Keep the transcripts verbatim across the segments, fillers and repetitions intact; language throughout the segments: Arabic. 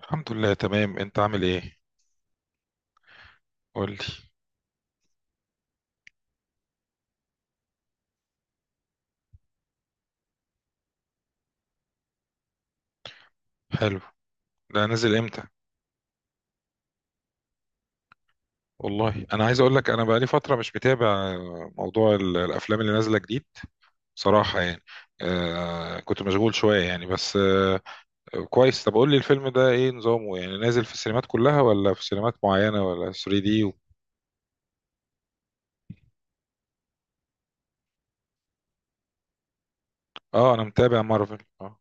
الحمد لله تمام. انت عامل ايه؟ قول لي. حلو. ده نازل امتى؟ والله انا عايز اقول لك انا بقالي فتره مش متابع موضوع ال- الافلام اللي نازله جديد. بصراحه يعني آه كنت مشغول شويه يعني. بس آه كويس. طب قول لي الفيلم ده ايه نظامه؟ يعني نازل في السينمات كلها ولا في سينمات معينه ولا ثلاثة دي و... اه انا متابع مارفل اه.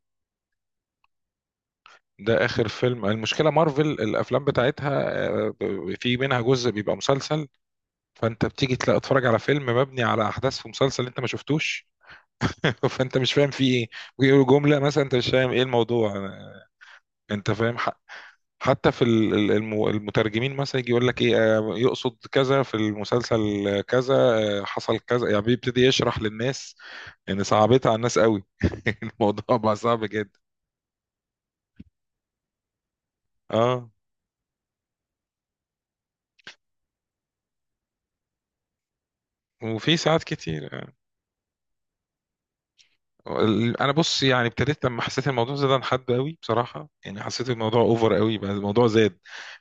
ده اخر فيلم. المشكله مارفل الافلام بتاعتها آه، ب- في منها جزء بيبقى مسلسل. فانت بتيجي تلاقي اتفرج على فيلم مبني على احداث في مسلسل انت ما شفتوش. فانت مش فاهم في ايه. ممكن يقولوا جمله مثلا انت مش فاهم ايه الموضوع. أنا- انت فاهم ح- حتى في ال- ال- الم- المترجمين مثلا يجي يقول لك ايه، آه، يقصد كذا في المسلسل، آه، كذا، آه، حصل كذا، يعني بيبتدي يشرح للناس. ان صعبتها على الناس قوي. الموضوع بقى صعب جدا. اه، وفي ساعات كتير. ال- انا بص يعني ابتديت لما حسيت الموضوع زاد عن حد قوي. بصراحه يعني حسيت الموضوع اوفر قوي، بقى الموضوع زاد.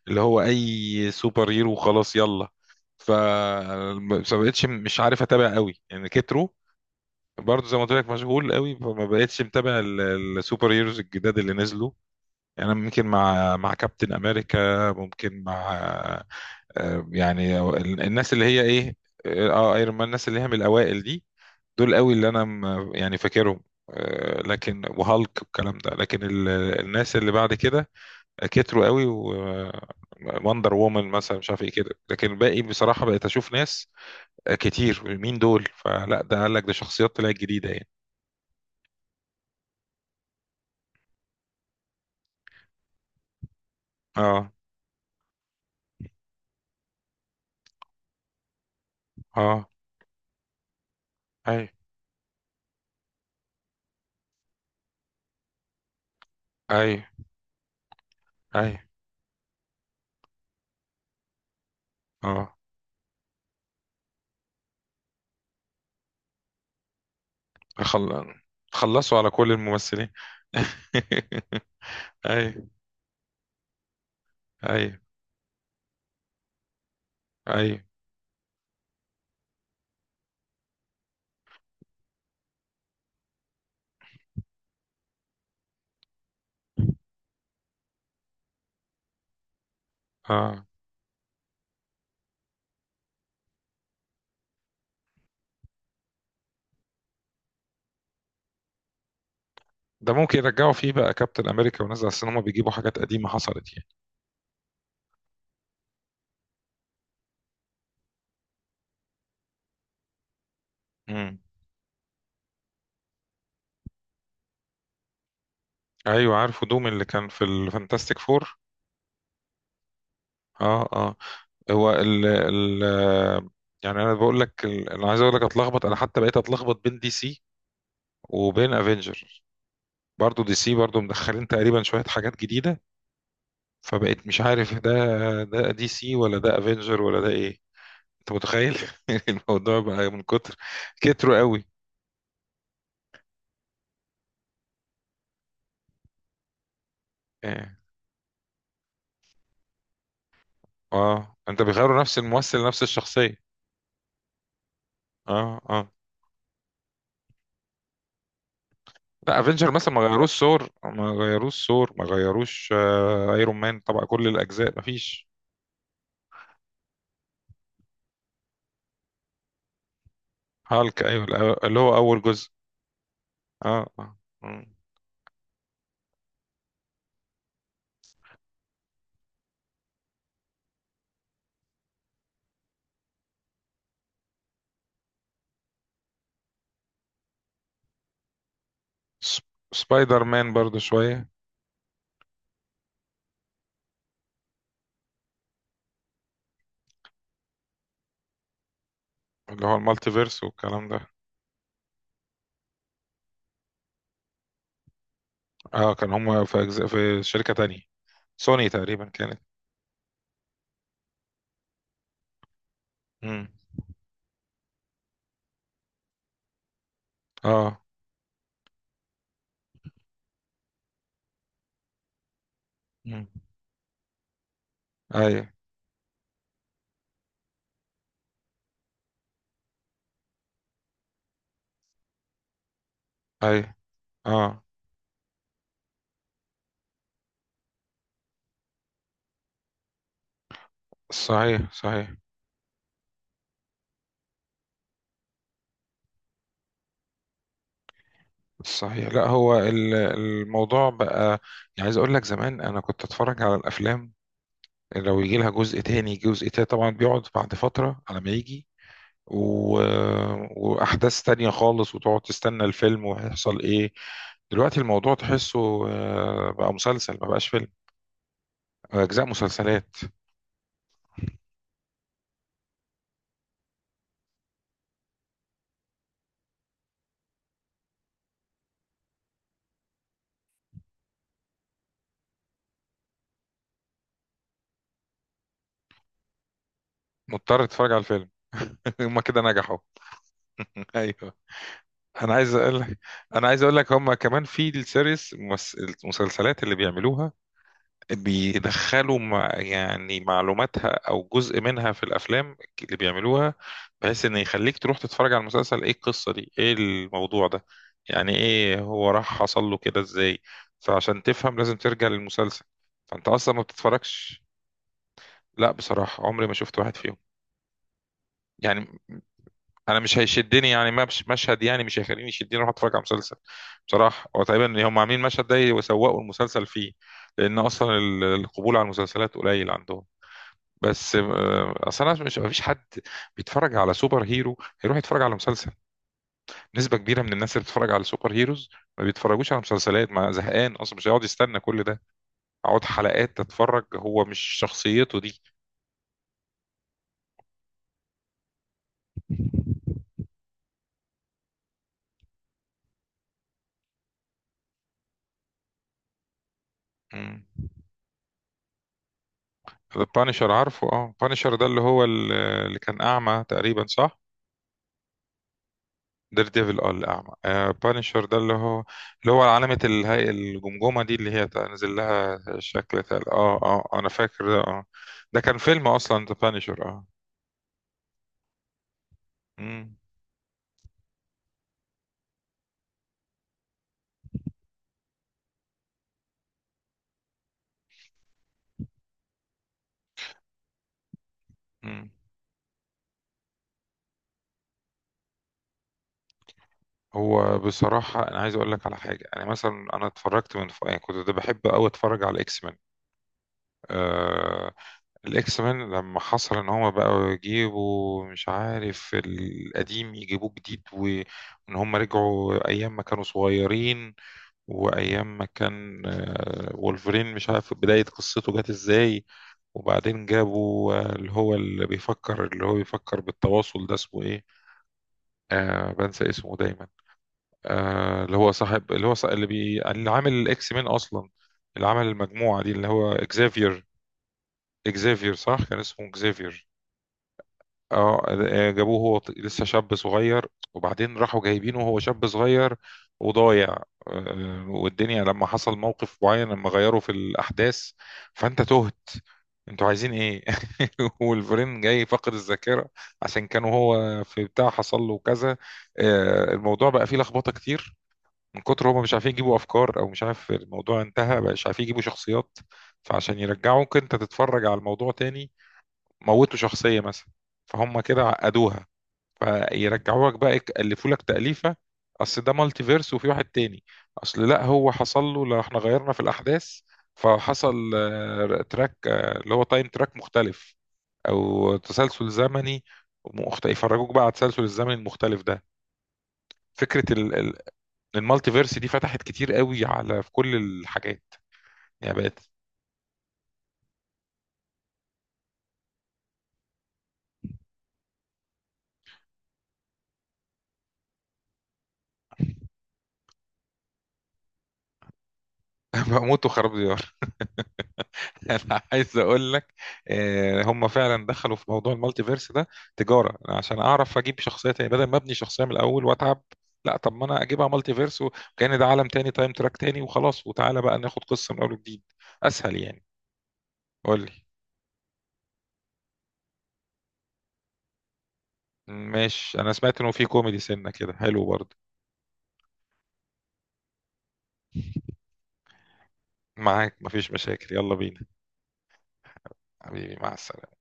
اللي هو اي سوبر هيرو خلاص يلا. ف ما بقتش مش عارف اتابع قوي يعني، كتروا. برضه زي ما قلت لك مشغول قوي، فما بقتش متابع ال- السوبر هيروز الجداد اللي نزلوا. يعني انا ممكن مع مع كابتن امريكا، ممكن مع، آه، يعني ال- الناس اللي هي ايه. اه ايرون مان، الناس اللي هي من الاوائل دي، دول قوي اللي انا م- يعني فاكرهم، آه، لكن وهالك والكلام ده. لكن ال- الناس اللي بعد كده كتروا قوي. ووندر وومن مثلا، مش عارف ايه كده، لكن الباقي بصراحة بقيت اشوف ناس آه، كتير، مين دول؟ فلا ده قال لك ده شخصيات طلعت جديدة يعني. اه اه. اي اي اي. اه خل... خلصوا على كل الممثلين. اي اي اي. اه، ده ممكن يرجعوا فيه بقى كابتن امريكا ونزل، اصل هما بيجيبوا حاجات قديمة حصلت. يعني ايوه، عارفه دوم اللي كان في الفانتاستيك فور. اه اه. هو ال ال يعني انا بقول لك ال- انا عايز اقول لك اتلخبط. انا حتى بقيت اتلخبط بين دي سي وبين افنجر. برضو دي سي برضو مدخلين تقريبا شوية حاجات جديدة. فبقيت مش عارف، ده ده دي سي ولا ده افنجر ولا ده ايه. انت متخيل؟ الموضوع بقى من كتر كتره قوي. اه. آه. انت بيغيروا نفس الممثل نفس الشخصية؟ اه اه. لا افنجر مثلا ما غيروش ثور، ما غيروش ثور، ما غيروش آه، ايرون مان طبعا كل الاجزاء ما فيش. هالك ايوه، الأ- اللي هو اول جزء. اه. آه. مم. سب- سبايدر مان برضو شويه. اللي هو المالتي فيرس والكلام ده. اه، كان هم في أجزاء في شركه تانية، سوني تقريبا كانت. مم. اه. مم. اي اي. اه. صحيح صحيح. صحيح. لا هو ال- الموضوع بقى، يعني عايز اقول لك زمان انا كنت اتفرج على الافلام. لو يجي لها جزء تاني جزء تاني طبعا بيقعد بعد فترة على ما يجي. و... آه، وأحداث تانية خالص، وتقعد تستنى الفيلم وهيحصل إيه. دلوقتي الموضوع تحسه آه، بقى مسلسل ما بقاش فيلم، أجزاء مسلسلات. مضطر تتفرج على الفيلم. هما كده نجحوا. ايوه. انا عايز اقول لك، انا عايز اقول لك هما كمان في السيريس، المس- المسلسلات اللي بيعملوها بيدخلوا مع يعني معلوماتها او جزء منها في الافلام اللي بيعملوها، بحيث ان يخليك تروح تتفرج على المسلسل، ايه القصه دي، ايه الموضوع ده، يعني ايه هو راح حصل له كده ازاي. فعشان تفهم لازم ترجع للمسلسل. فانت اصلا ما بتتفرجش. لا بصراحه عمري ما شفت واحد فيهم. يعني انا مش هيشدني، يعني ما مش مشهد يعني مش هيخليني يشدني اروح اتفرج على مسلسل. بصراحه هو تقريبا هم عاملين المشهد ده يسوقوا المسلسل فيه، لان اصلا ال- القبول على المسلسلات قليل عندهم. بس آه، اصل انا مش، مفيش حد بيتفرج على سوبر هيرو هيروح يتفرج على مسلسل. نسبه كبيره من الناس اللي بتتفرج على سوبر هيروز ما بيتفرجوش على مسلسلات، ما زهقان اصلا مش هيقعد يستنى كل ده، اقعد حلقات اتفرج، هو مش شخصيته دي. امم. البانشر عارفه اه. بانشر ده اللي هو ال- اللي كان اعمى تقريبا، صح؟ دير ديفل، اه، الأعمى. آه، بانشر ده اللي هو، اللي هو علامة الهي... الجمجمة دي، اللي هي تنزل لها شكل تل... اه اه. آه، أنا فاكر ده اه. ده كان فيلم أصلا ذا بانشر اه. مم. مم. هو بصراحة أنا عايز أقول لك على حاجة. أنا مثلا أنا اتفرجت من ف... يعني كنت ده بحب أوي أتفرج على الإكس مان. آه... الإكس مان لما حصل إن هما بقوا يجيبوا، مش عارف، القديم يجيبوه جديد، وإن هما رجعوا أيام ما كانوا صغيرين، وايام ما كان آه، وولفرين، مش عارف بداية قصته جت ازاي. وبعدين جابوا آه، اللي هو اللي بيفكر، اللي هو بيفكر بالتواصل ده، اسمه ايه، آه بنسى اسمه دايما. آه اللي هو صاحب، اللي هو صاحب، اللي, بي... اللي عامل الاكس مين اصلا، اللي عمل المجموعة دي، اللي هو اكزافير. اكزافير، صح، كان اسمه اكزافير. اه جابوه هو ط- لسه شاب صغير. وبعدين راحوا جايبينه وهو شاب صغير وضايع. آه، والدنيا لما حصل موقف معين، لما غيروا في الأحداث، فأنت تهت، انتوا عايزين ايه. والفرين جاي فاقد الذاكرة عشان كانوا هو في بتاع حصل له كذا. آه، الموضوع بقى فيه لخبطة كتير. من كتر هما مش عارفين يجيبوا أفكار، أو مش عارف الموضوع انتهى، بقى مش عارفين يجيبوا شخصيات، فعشان يرجعوك انت تتفرج على الموضوع تاني، موتوا شخصية مثلا فهم كده عقدوها. فيرجعوا لك بقى يألفوا لك تأليفة، أصل ده مالتي فيرس وفي واحد تاني، أصل لا هو حصل له، لو احنا غيرنا في الأحداث فحصل آه، تراك، آه، اللي هو تايم تراك مختلف أو تسلسل زمني مخت- يفرجوك بقى على التسلسل الزمني المختلف ده. فكرة ال- ال- المالتي فيرس دي فتحت كتير قوي على في كل الحاجات، يعني بقت. بموت وخراب ديار. انا عايز اقول لك آه، هم فعلا دخلوا في موضوع المالتي فيرس ده تجاره. أنا عشان اعرف اجيب شخصيه تاني بدل ما ابني شخصيه من الاول واتعب، لا طب ما انا اجيبها مالتي فيرس وكان ده عالم تاني تايم تراك تاني وخلاص، وتعالى بقى ناخد قصه من اول وجديد. اسهل يعني. قول لي. ماشي، انا سمعت انه في كوميدي سنه كده، حلو برضه. معاك، مفيش مشاكل، يلا بينا. حبيبي، مع السلامه.